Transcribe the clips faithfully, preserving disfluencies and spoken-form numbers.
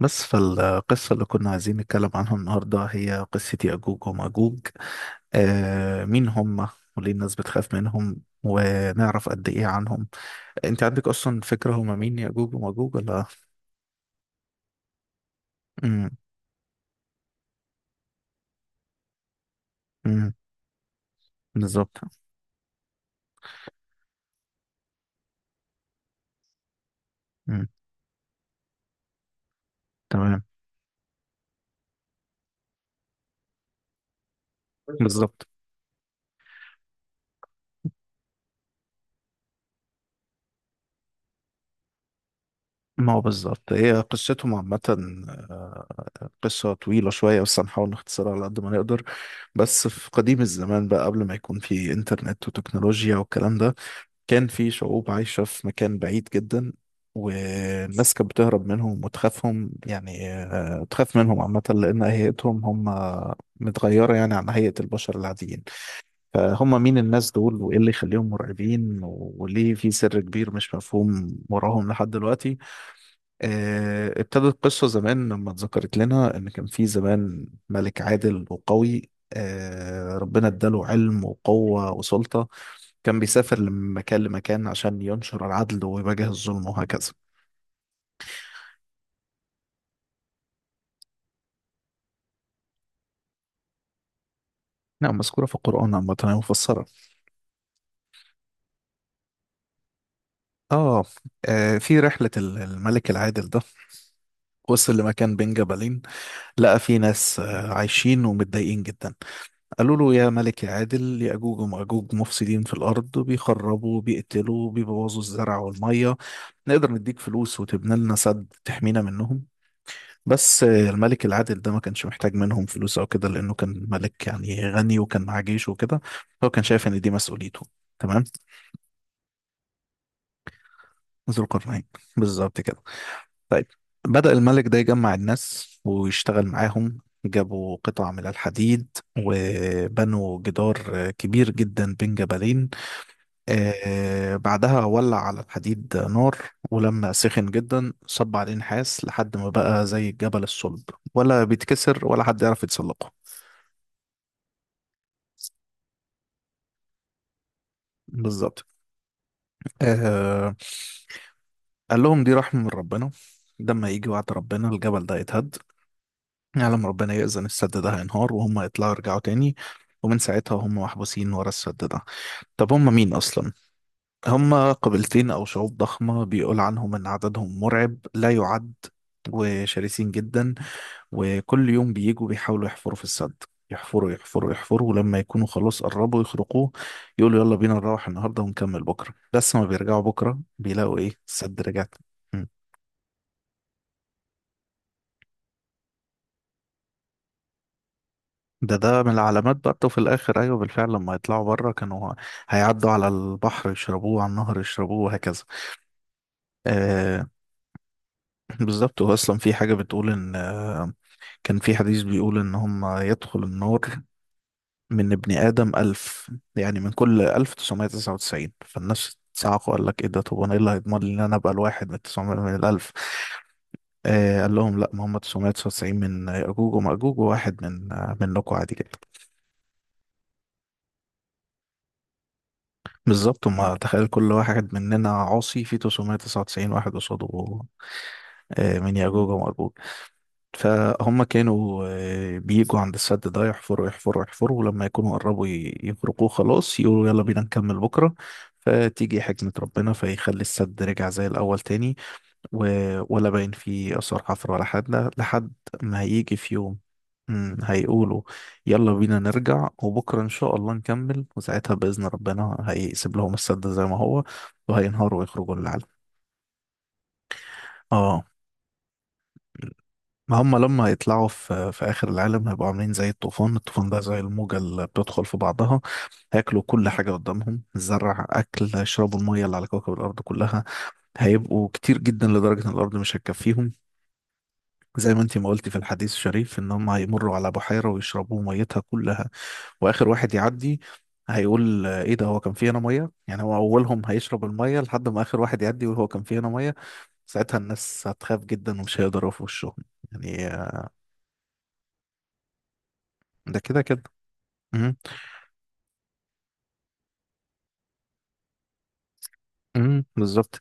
بس فالقصة اللي كنا عايزين نتكلم عنها النهاردة هي قصة يأجوج ومأجوج. آه مين هم وليه الناس بتخاف منهم ونعرف قد إيه عنهم. أنت عندك أصلا فكرة هم مين يأجوج ومأجوج ولا؟ مم، مم، بالظبط. مم، تمام. بالظبط. ما هو بالظبط هي قصتهم عامة. آه، قصة طويلة شوية بس هنحاول نختصرها على قد ما نقدر. بس في قديم الزمان بقى قبل ما يكون في إنترنت وتكنولوجيا والكلام ده، كان في شعوب عايشة في مكان بعيد جدا، والناس كانت بتهرب منهم وتخافهم، يعني آه، تخاف منهم عامة لأن هيئتهم هم متغيرة يعني عن هيئة البشر العاديين. فهم مين الناس دول وإيه اللي يخليهم مرعبين وليه في سر كبير مش مفهوم وراهم لحد دلوقتي؟ آه، ابتدت القصة زمان لما اتذكرت لنا إن كان في زمان ملك عادل وقوي، آه، ربنا اداله علم وقوة وسلطة. كان بيسافر من مكان لمكان عشان ينشر العدل ويواجه الظلم وهكذا. نعم، مذكورة في القرآن عامة، هي مفسرة. آه. آه، في رحلة ال- الملك العادل ده وصل لمكان بين جبلين، لقى فيه ناس آه، عايشين ومتضايقين جدا. قالوا له يا ملك يا عادل، يأجوج ومأجوج مفسدين في الأرض، بيخربوا بيقتلوا بيبوظوا الزرع والمية. نقدر نديك فلوس وتبني لنا سد تحمينا منهم. بس الملك العادل ده ما كانش محتاج منهم فلوس او كده، لانه كان ملك يعني غني وكان معاه جيش وكده. هو كان شايف ان دي مسؤوليته. تمام. ذو القرنين. بالظبط كده. طيب. بدأ الملك ده يجمع الناس ويشتغل معاهم، جابوا قطع من الحديد وبنوا جدار كبير جدا بين جبلين. آه، بعدها ولع على الحديد نار، ولما سخن جدا صب عليه نحاس لحد ما بقى زي الجبل الصلب، ولا بيتكسر ولا حد يعرف يتسلقه. بالظبط. آه، قال لهم دي رحمة من ربنا، ده لما يجي وعد ربنا الجبل ده يتهد، يعلم ربنا يأذن، السد ده هينهار وهم يطلعوا يرجعوا تاني. ومن ساعتها هم محبوسين ورا السد ده. طب هم مين أصلا؟ هم قبيلتين أو شعوب ضخمة بيقول عنهم إن عددهم مرعب لا يعد، وشرسين جدا. وكل يوم بيجوا بيحاولوا يحفروا في السد، يحفروا يحفروا يحفروا، ولما يكونوا خلاص قربوا يخرقوه، يقولوا يلا بينا نروح النهارده ونكمل بكره، بس ما بيرجعوا بكره بيلاقوا ايه، السد رجع تاني. مم. ده ده من العلامات برضه في الاخر، ايوه بالفعل. لما يطلعوا بره كانوا ه- هيعدوا على البحر يشربوه، على النهر يشربوه، وهكذا. آه، بالظبط. هو اصلا في حاجه بتقول ان آه كان في حديث بيقول ان هم يدخل النار من ابن آدم ألف، يعني من كل ألف تسعمائة تسعة وتسعين. فالناس صعقوا، قال لك إيه ده، طب أنا إيه اللي هيضمن لي إن أنا أبقى الواحد من التسعمائة من الألف؟ آه، قال لهم لا، ما هم تسعمائة وتسعة وتسعين من يأجوج ومأجوج وواحد من آه منكم عادي جدا. بالظبط. هم تخيل كل واحد مننا عاصي في تسعمائة وتسعة وتسعين واحد قصاده آه من يأجوج ومأجوج. فهم كانوا آه، بيجوا عند السد ده يحفروا يحفروا يحفروا، ولما يكونوا قربوا ي- يفرقوه، خلاص يقولوا يلا بينا نكمل بكرة. فتيجي حكمة ربنا فيخلي السد رجع زي الأول تاني، و- ولا باين فيه آثار حفر ولا حاجة، لحد ما هيجي في يوم. مم، هيقولوا يلا بينا نرجع وبكرة إن شاء الله نكمل، وساعتها بإذن ربنا هيسيب لهم السد زي ما هو، وهينهاروا ويخرجوا للعالم. اه. ما هم لما يطلعوا في في آخر العالم، هيبقوا عاملين زي الطوفان الطوفان ده زي الموجة اللي بتدخل في بعضها. هياكلوا كل حاجة قدامهم، الزرع أكل، يشربوا المية اللي على كوكب الأرض كلها. هيبقوا كتير جدا لدرجة إن الأرض مش هتكفيهم. زي ما أنتي ما قلتي في الحديث الشريف، إن هم هيمروا على بحيرة ويشربوا ميتها كلها. وآخر واحد يعدي هيقول، آه، إيه ده، هو كان في هنا مية؟ يعني هو أولهم هيشرب المية لحد ما آخر واحد يعدي يقول هو كان في هنا مية. ساعتها الناس هتخاف جدا ومش هيقدروا في وشهم، يعني آه، ده كده كده. مم. مم. بالظبط.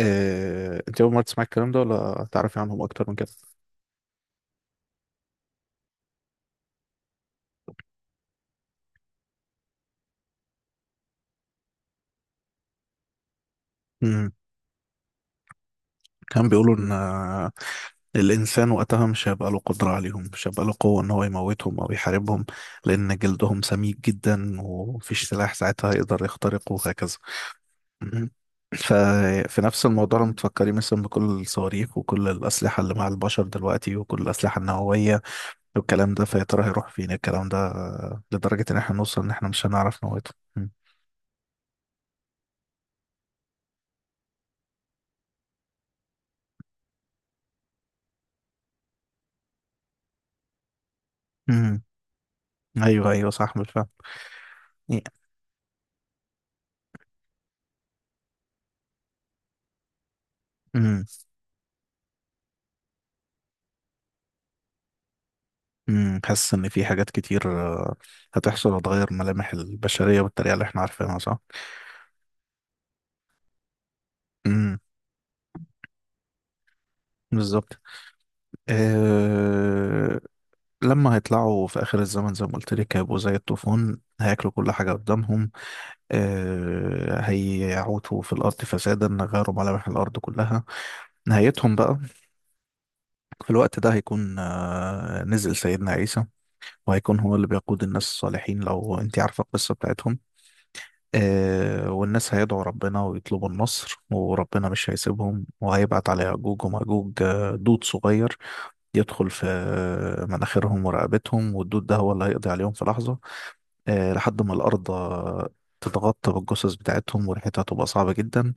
آه، انت اول مره تسمعي الكلام ده، ولا تعرفي عنهم اكتر من كده؟ مم. كان بيقولوا ان آه، الانسان وقتها مش هيبقى له قدره عليهم، مش هيبقى له قوه ان هو يموتهم او يحاربهم، لان جلدهم سميك جدا ومفيش سلاح ساعتها يقدر يخترقه، وهكذا. مم. ففي نفس الموضوع لما تفكري مثلا بكل الصواريخ وكل الأسلحة اللي مع البشر دلوقتي، وكل الأسلحة النووية والكلام ده، فيا ترى هيروح فين الكلام ده؟ لدرجة إن احنا نوصل إن احنا مش هنعرف نموته. امم. ايوه ايوه، صح بالفعل. امم. امم. حاسس ان في حاجات كتير آه، هتحصل، هتغير ملامح البشريه بالطريقه اللي احنا عارفينها، صح. امم. بالظبط. أه... لما هيطلعوا في اخر الزمن زي ما قلت لك، هيبقوا زي الطوفان، هياكلوا كل حاجه قدامهم. أه... هيعوتوا في الارض فسادا، غيروا ملامح الارض كلها. نهايتهم بقى، في الوقت ده هيكون آه، نزل سيدنا عيسى، وهيكون هو اللي بيقود الناس الصالحين، لو انت عارفه القصه بتاعتهم. آه، والناس هيدعوا ربنا ويطلبوا النصر، وربنا مش هيسيبهم، وهيبعت على يأجوج ومأجوج آه، دود صغير يدخل في آه، مناخيرهم ورقبتهم، والدود ده هو اللي هيقضي عليهم في لحظة. آه، لحد ما الأرض آه، تتغطى بالجثث بتاعتهم وريحتها تبقى صعبة جدا.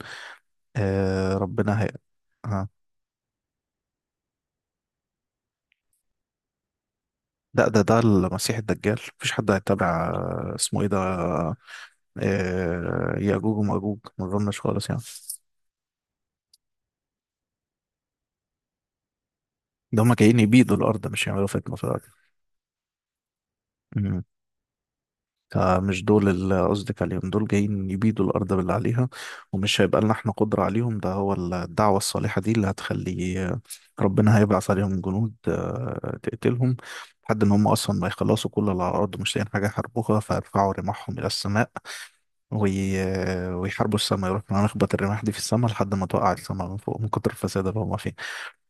آه، ربنا هي. آه. لا، ده ده المسيح الدجال، مفيش حد هيتابع آه، اسمه ايه ده، آه، يأجوج ومأجوج، ما اظنش خالص يعني. ده هم جايين يبيدوا الأرض مش يعملوا فتنة في الأرض. فمش دول اللي قصدك عليهم، دول جايين يبيدوا الأرض باللي عليها، ومش هيبقى لنا احنا قدرة عليهم. ده هو الدعوة الصالحة دي اللي هتخلي ربنا هيبعث عليهم جنود آه، تقتلهم، لحد إن هم أصلا ما يخلصوا كل اللي على الأرض، مش لاقيين حاجة يحاربوها فيرفعوا رماحهم إلى السماء. وي... ويحاربوا السماء، يروحوا نخبط الرماح دي في السماء لحد ما توقع السماء من فوق من كتر الفساد اللي هم فيه.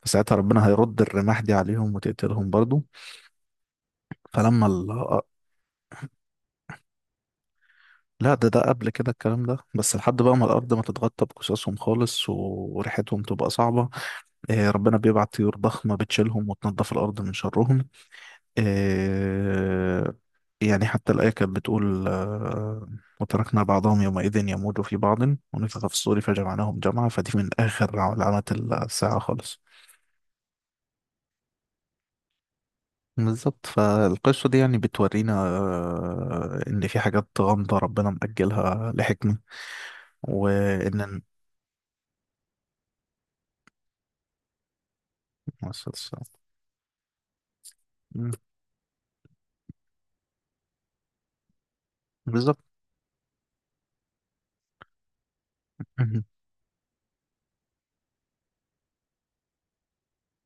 فساعتها ربنا هيرد الرماح دي عليهم وتقتلهم برضو. فلما. لا، ده ده قبل كده الكلام ده، بس لحد بقى ما الأرض ما تتغطى بقصصهم خالص، و- وريحتهم تبقى صعبة. آه، ربنا بيبعت طيور ضخمة بتشيلهم وتنظف الأرض من شرهم. آه، يعني حتى الآية كانت بتقول، آه، وتركنا بعضهم يومئذ يموج في بعض، ونفخ في الصور فجمعناهم جمعا. فدي من آخر علامات الساعة خالص. بالظبط. فالقصة دي يعني بتورينا آه، إن في حاجات غامضة ربنا مأجلها لحكمة، وإن. مع السلامة. بالظبط. مهم.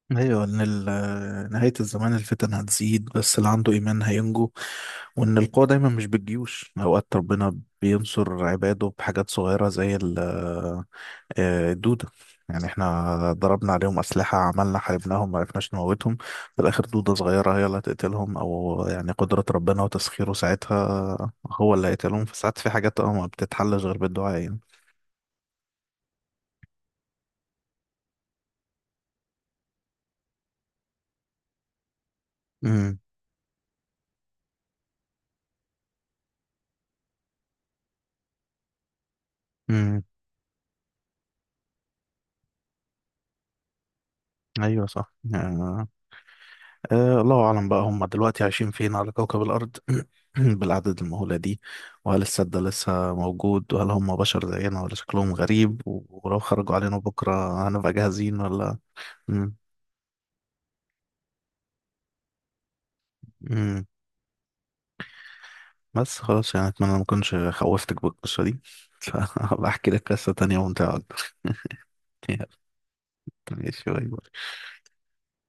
ايوه، ان ال- نهايه الزمان الفتن هتزيد، بس اللي عنده ايمان هينجو، وان القوه دايما مش بالجيوش، اوقات ربنا بينصر عباده بحاجات صغيره زي ال- آه، الدوده. يعني احنا ضربنا عليهم اسلحه، عملنا حاربناهم ما عرفناش نموتهم، في الاخر دوده صغيره هي اللي هتقتلهم. او يعني قدره ربنا وتسخيره ساعتها هو اللي هيقتلهم. فساعات في حاجات اه ما بتتحلش غير بالدعاء، يعني. امم. امم. ايوه صح يعني. أه، الله أعلم بقى هم دلوقتي عايشين فين على كوكب الأرض بالأعداد المهولة دي، وهل السد ده لسه موجود، وهل هم بشر زينا ولا شكلهم غريب، و- ولو خرجوا علينا بكرة هنبقى جاهزين ولا؟ مم. مم. بس خلاص يعني أتمنى ما أكونش خوفتك بالقصة دي فهبقى أحكي لك قصة تانية ممتعة أكتر. يلا. ماشي، باي باي.